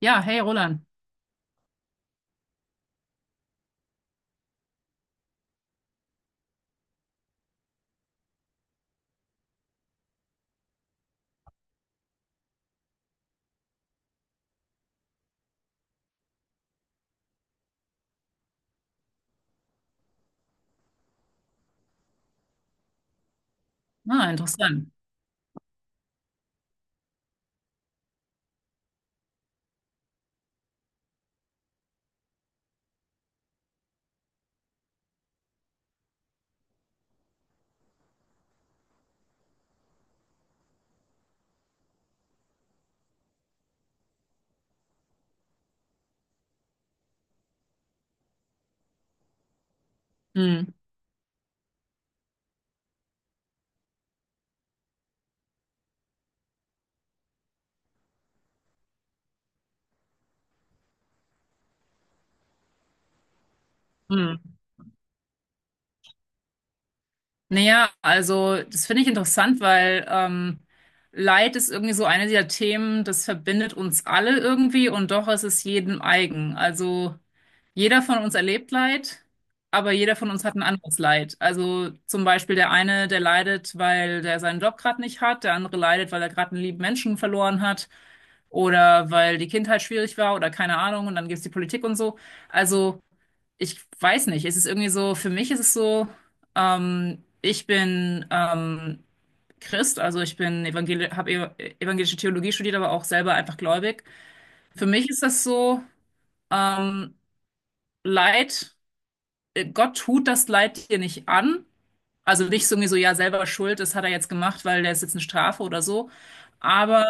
Ja, hey Roland. Ah, interessant. Hm. Hm. Naja, also das finde ich interessant, weil Leid ist irgendwie so eine dieser Themen, das verbindet uns alle irgendwie und doch ist es jedem eigen. Also jeder von uns erlebt Leid, aber jeder von uns hat ein anderes Leid. Also zum Beispiel der eine, der leidet, weil der seinen Job gerade nicht hat, der andere leidet, weil er gerade einen lieben Menschen verloren hat oder weil die Kindheit schwierig war oder keine Ahnung und dann gibt es die Politik und so. Also ich weiß nicht, es ist irgendwie so, für mich ist es so, ich bin Christ, also ich bin evangel habe ev evangelische Theologie studiert, aber auch selber einfach gläubig. Für mich ist das so, ähm, Leid, Gott tut das Leid dir nicht an. Also nicht so irgendwie so, ja, selber schuld, das hat er jetzt gemacht, weil der ist jetzt eine Strafe oder so. Aber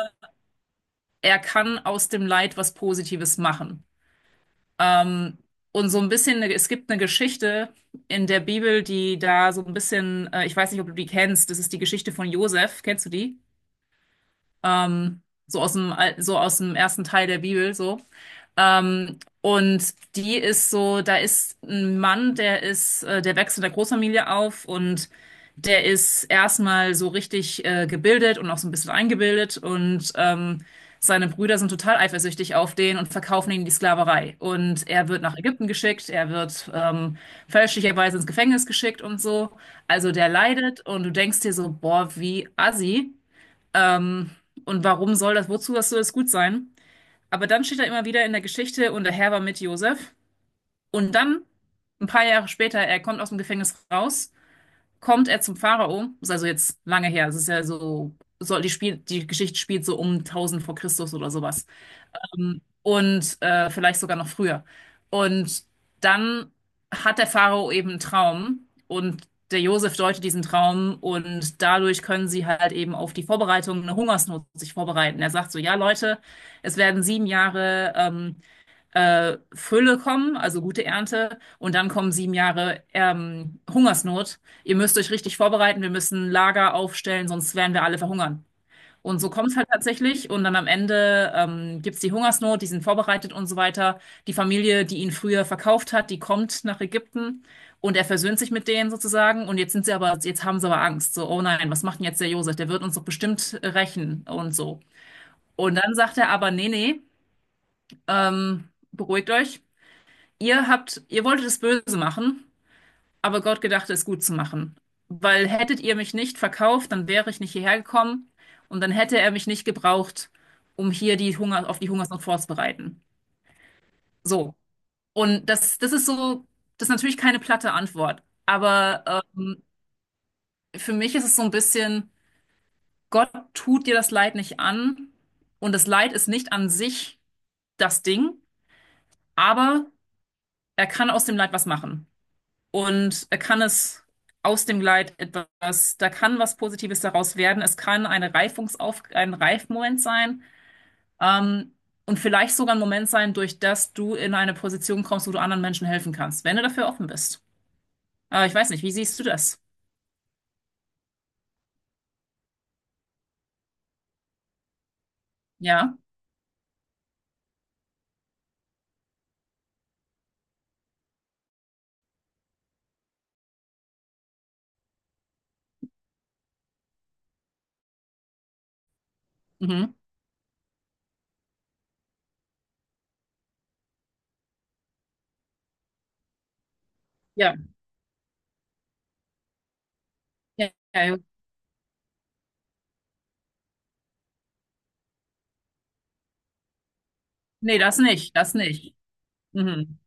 er kann aus dem Leid was Positives machen. Ähm, und so ein bisschen, es gibt eine Geschichte in der Bibel, die da so ein bisschen, ich weiß nicht, ob du die kennst, das ist die Geschichte von Josef, kennst du die? So so aus dem ersten Teil der Bibel, so. Und die ist so, da ist ein Mann, der wächst in der Großfamilie auf und der ist erstmal so richtig gebildet und auch so ein bisschen eingebildet und seine Brüder sind total eifersüchtig auf den und verkaufen ihn in die Sklaverei. Und er wird nach Ägypten geschickt, er wird fälschlicherweise ins Gefängnis geschickt und so. Also der leidet und du denkst dir so, boah, wie assi. Ähm, und wozu das soll das gut sein? Aber dann steht er immer wieder in der Geschichte und der Herr war mit Josef. Und dann, ein paar Jahre später, er kommt aus dem Gefängnis raus, kommt er zum Pharao. Das ist also jetzt lange her. Es ist ja so, die Geschichte spielt so um 1000 vor Christus oder sowas. Und vielleicht sogar noch früher. Und dann hat der Pharao eben einen Traum und der Josef deutet diesen Traum und dadurch können sie halt eben eine Hungersnot sich vorbereiten. Er sagt so, ja Leute, es werden 7 Jahre Fülle kommen, also gute Ernte, und dann kommen 7 Jahre Hungersnot. Ihr müsst euch richtig vorbereiten, wir müssen Lager aufstellen, sonst werden wir alle verhungern. Und so kommt es halt tatsächlich. Und dann am Ende gibt es die Hungersnot, die sind vorbereitet und so weiter. Die Familie, die ihn früher verkauft hat, die kommt nach Ägypten und er versöhnt sich mit denen sozusagen. Und jetzt haben sie aber Angst. So, oh nein, was macht denn jetzt der Josef? Der wird uns doch bestimmt rächen und so. Und dann sagt er aber, nee, nee, ähm, beruhigt euch. Ihr wolltet es böse machen, aber Gott gedachte es gut zu machen. Weil hättet ihr mich nicht verkauft, dann wäre ich nicht hierher gekommen und dann hätte er mich nicht gebraucht, um hier auf die Hungersnot vorzubereiten. So. Und das, das ist natürlich keine platte Antwort. Aber für mich ist es so ein bisschen, Gott tut dir das Leid nicht an und das Leid ist nicht an sich das Ding, aber er kann aus dem Leid was machen. Und er kann es aus dem Leid etwas, da kann was Positives daraus werden. Es kann ein Reifmoment sein, ähm, und vielleicht sogar ein Moment sein, durch das du in eine Position kommst, wo du anderen Menschen helfen kannst, wenn du dafür offen bist. Aber ich weiß nicht, wie siehst du das? Ja. Mhm. Ja. Ja. Ja. Ja, ja. Nee, das nicht, das nicht. Mhm.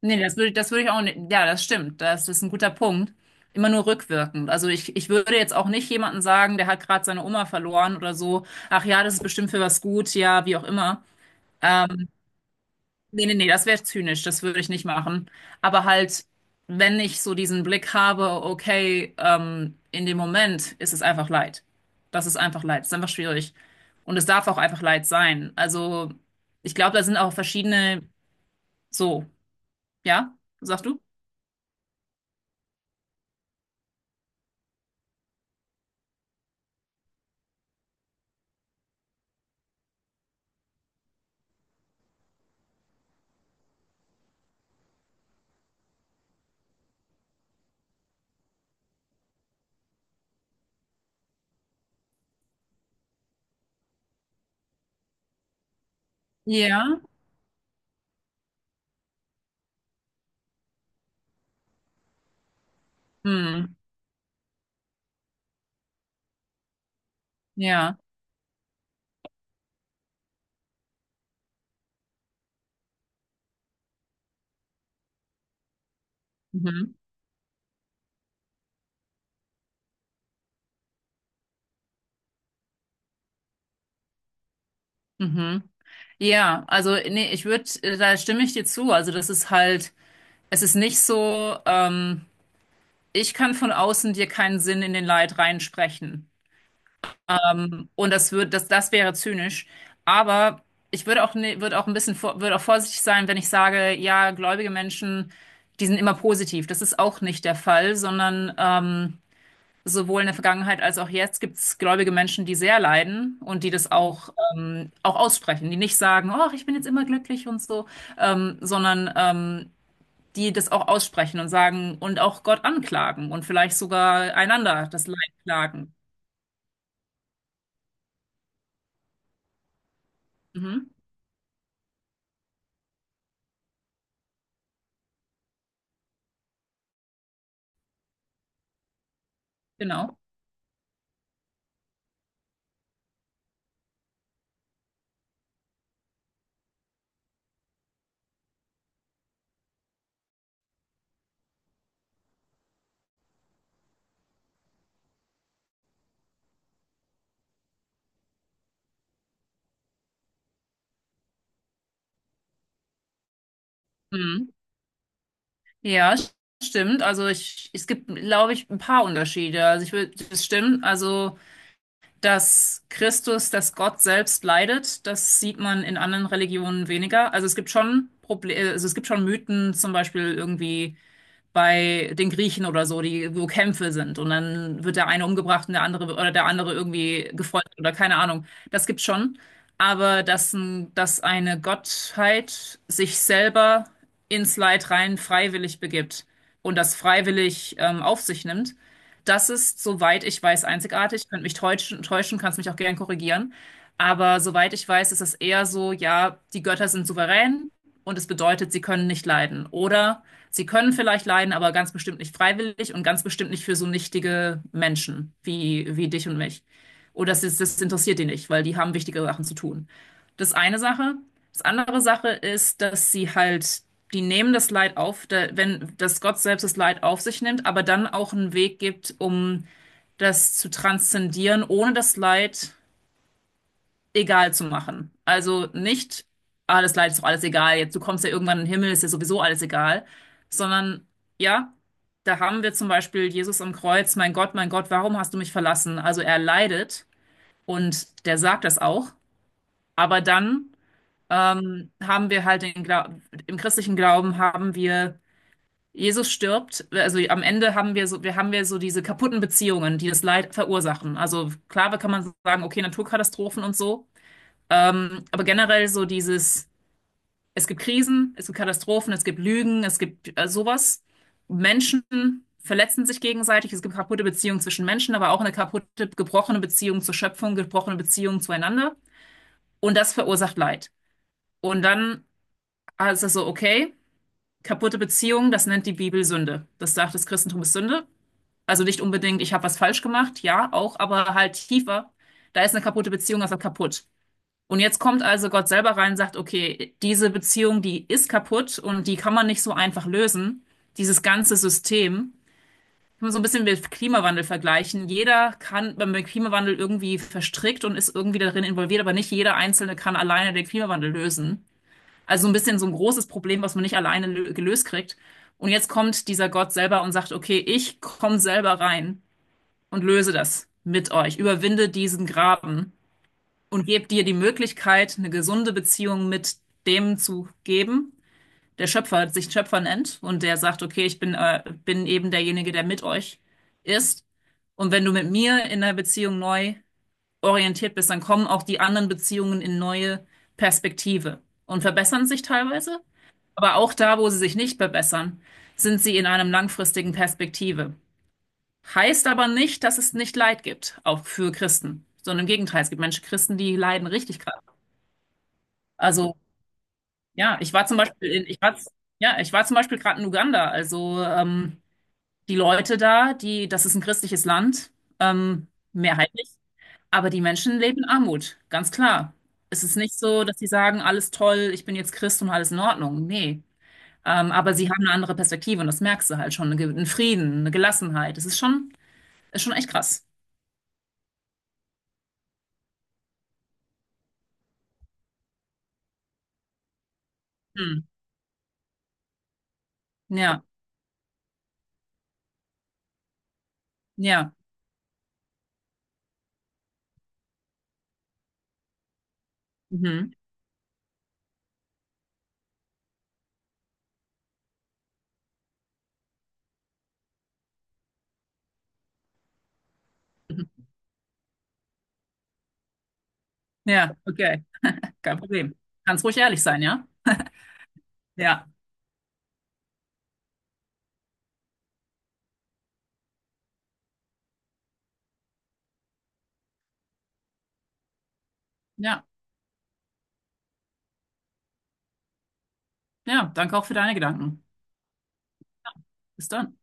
Nee, das würde ich auch nicht. Ja, das stimmt. Das ist ein guter Punkt. Immer nur rückwirkend. Also ich würde jetzt auch nicht jemandem sagen, der hat gerade seine Oma verloren oder so. Ach ja, das ist bestimmt für was gut, ja, wie auch immer. Ähm, nee, nee, nee, das wäre zynisch. Das würde ich nicht machen. Aber halt, wenn ich so diesen Blick habe, okay, in dem Moment ist es einfach Leid. Das ist einfach Leid. Das ist einfach schwierig. Und es darf auch einfach Leid sein. Also ich glaube, da sind auch verschiedene, so, ja, sagst du? Ja. Hm, ja, mhm, mhm. Ja, also nee, da stimme ich dir zu. Also das ist halt, es ist nicht so, ich kann von außen dir keinen Sinn in den Leid reinsprechen. Und das wäre zynisch. Aber ich würde auch, ne, würde auch ein bisschen, vor- würde auch vorsichtig sein, wenn ich sage, ja, gläubige Menschen, die sind immer positiv. Das ist auch nicht der Fall, sondern sowohl in der Vergangenheit als auch jetzt gibt es gläubige Menschen, die sehr leiden und die das auch aussprechen, die nicht sagen, oh, ich bin jetzt immer glücklich und so, sondern die das auch aussprechen und sagen und auch Gott anklagen und vielleicht sogar einander das Leid klagen. Mhm, genau. Mhm. Ja, stimmt. Also es gibt, glaube ich, ein paar Unterschiede. Also das stimmt. Also dass Gott selbst leidet, das sieht man in anderen Religionen weniger. Also es gibt schon Mythen, zum Beispiel irgendwie bei den Griechen oder so, wo Kämpfe sind und dann wird der eine umgebracht und der andere oder der andere irgendwie gefoltert oder keine Ahnung. Das gibt's schon. Aber dass eine Gottheit sich selber ins Leid rein freiwillig begibt und das freiwillig auf sich nimmt, das ist, soweit ich weiß, einzigartig. Ich könnte mich täuschen, kannst mich auch gern korrigieren. Aber soweit ich weiß, ist es eher so, ja, die Götter sind souverän und es bedeutet, sie können nicht leiden. Oder sie können vielleicht leiden, aber ganz bestimmt nicht freiwillig und ganz bestimmt nicht für so nichtige Menschen wie, dich und mich. Oder das interessiert die nicht, weil die haben wichtige Sachen zu tun. Das eine Sache. Das andere Sache ist, dass sie halt, die nehmen das Leid auf, da, wenn, dass Gott selbst das Leid auf sich nimmt, aber dann auch einen Weg gibt, um das zu transzendieren, ohne das Leid egal zu machen. Also nicht, ah, das Leid ist doch alles egal, jetzt du kommst ja irgendwann in den Himmel, ist ja sowieso alles egal, sondern ja, da haben wir zum Beispiel Jesus am Kreuz, mein Gott, warum hast du mich verlassen? Also er leidet und der sagt das auch, aber dann haben wir halt den Gla im christlichen Glauben haben wir Jesus stirbt, also am Ende haben wir so diese kaputten Beziehungen, die das Leid verursachen. Also klar, kann man sagen, okay, Naturkatastrophen und so, aber generell so dieses, es gibt Krisen, es gibt Katastrophen, es gibt Lügen, es gibt sowas. Menschen verletzen sich gegenseitig, es gibt kaputte Beziehungen zwischen Menschen, aber auch eine kaputte, gebrochene Beziehung zur Schöpfung, gebrochene Beziehung zueinander. Und das verursacht Leid. Und dann ist es so, okay, kaputte Beziehung, das nennt die Bibel Sünde. Das sagt, das Christentum ist Sünde. Also nicht unbedingt, ich habe was falsch gemacht, ja, auch, aber halt tiefer. Da ist eine kaputte Beziehung, also kaputt. Und jetzt kommt also Gott selber rein und sagt, okay, diese Beziehung, die ist kaputt und die kann man nicht so einfach lösen. Dieses ganze System. Kann man so ein bisschen mit Klimawandel vergleichen. Jeder kann beim Klimawandel irgendwie verstrickt und ist irgendwie darin involviert, aber nicht jeder Einzelne kann alleine den Klimawandel lösen. Also so ein bisschen so ein großes Problem, was man nicht alleine gelöst kriegt. Und jetzt kommt dieser Gott selber und sagt, okay, ich komme selber rein und löse das mit euch, überwinde diesen Graben und gebe dir die Möglichkeit, eine gesunde Beziehung mit dem zu geben, der Schöpfer sich Schöpfer nennt und der sagt, okay, ich bin eben derjenige, der mit euch ist. Und wenn du mit mir in der Beziehung neu orientiert bist, dann kommen auch die anderen Beziehungen in neue Perspektive und verbessern sich teilweise. Aber auch da, wo sie sich nicht verbessern, sind sie in einem langfristigen Perspektive. Heißt aber nicht, dass es nicht Leid gibt, auch für Christen, sondern im Gegenteil, es gibt Menschen, Christen, die leiden richtig krass. Also, ja, ich war zum Beispiel in, ich war, z- ja, ich war zum Beispiel gerade in Uganda. Also, die Leute da, das ist ein christliches Land, ähm, mehrheitlich, aber die Menschen leben in Armut, ganz klar. Es ist nicht so, dass sie sagen, alles toll, ich bin jetzt Christ und alles in Ordnung. Nee. Aber sie haben eine andere Perspektive und das merkst du halt schon. Einen Frieden, eine Gelassenheit. Es ist schon echt krass. Hm. Ja, ja. Mhm. Mhm. Ja, okay. Kein Problem. Kannst ruhig ehrlich sein, ja? Ja, ja. Ja, danke auch für deine Gedanken. Bis dann.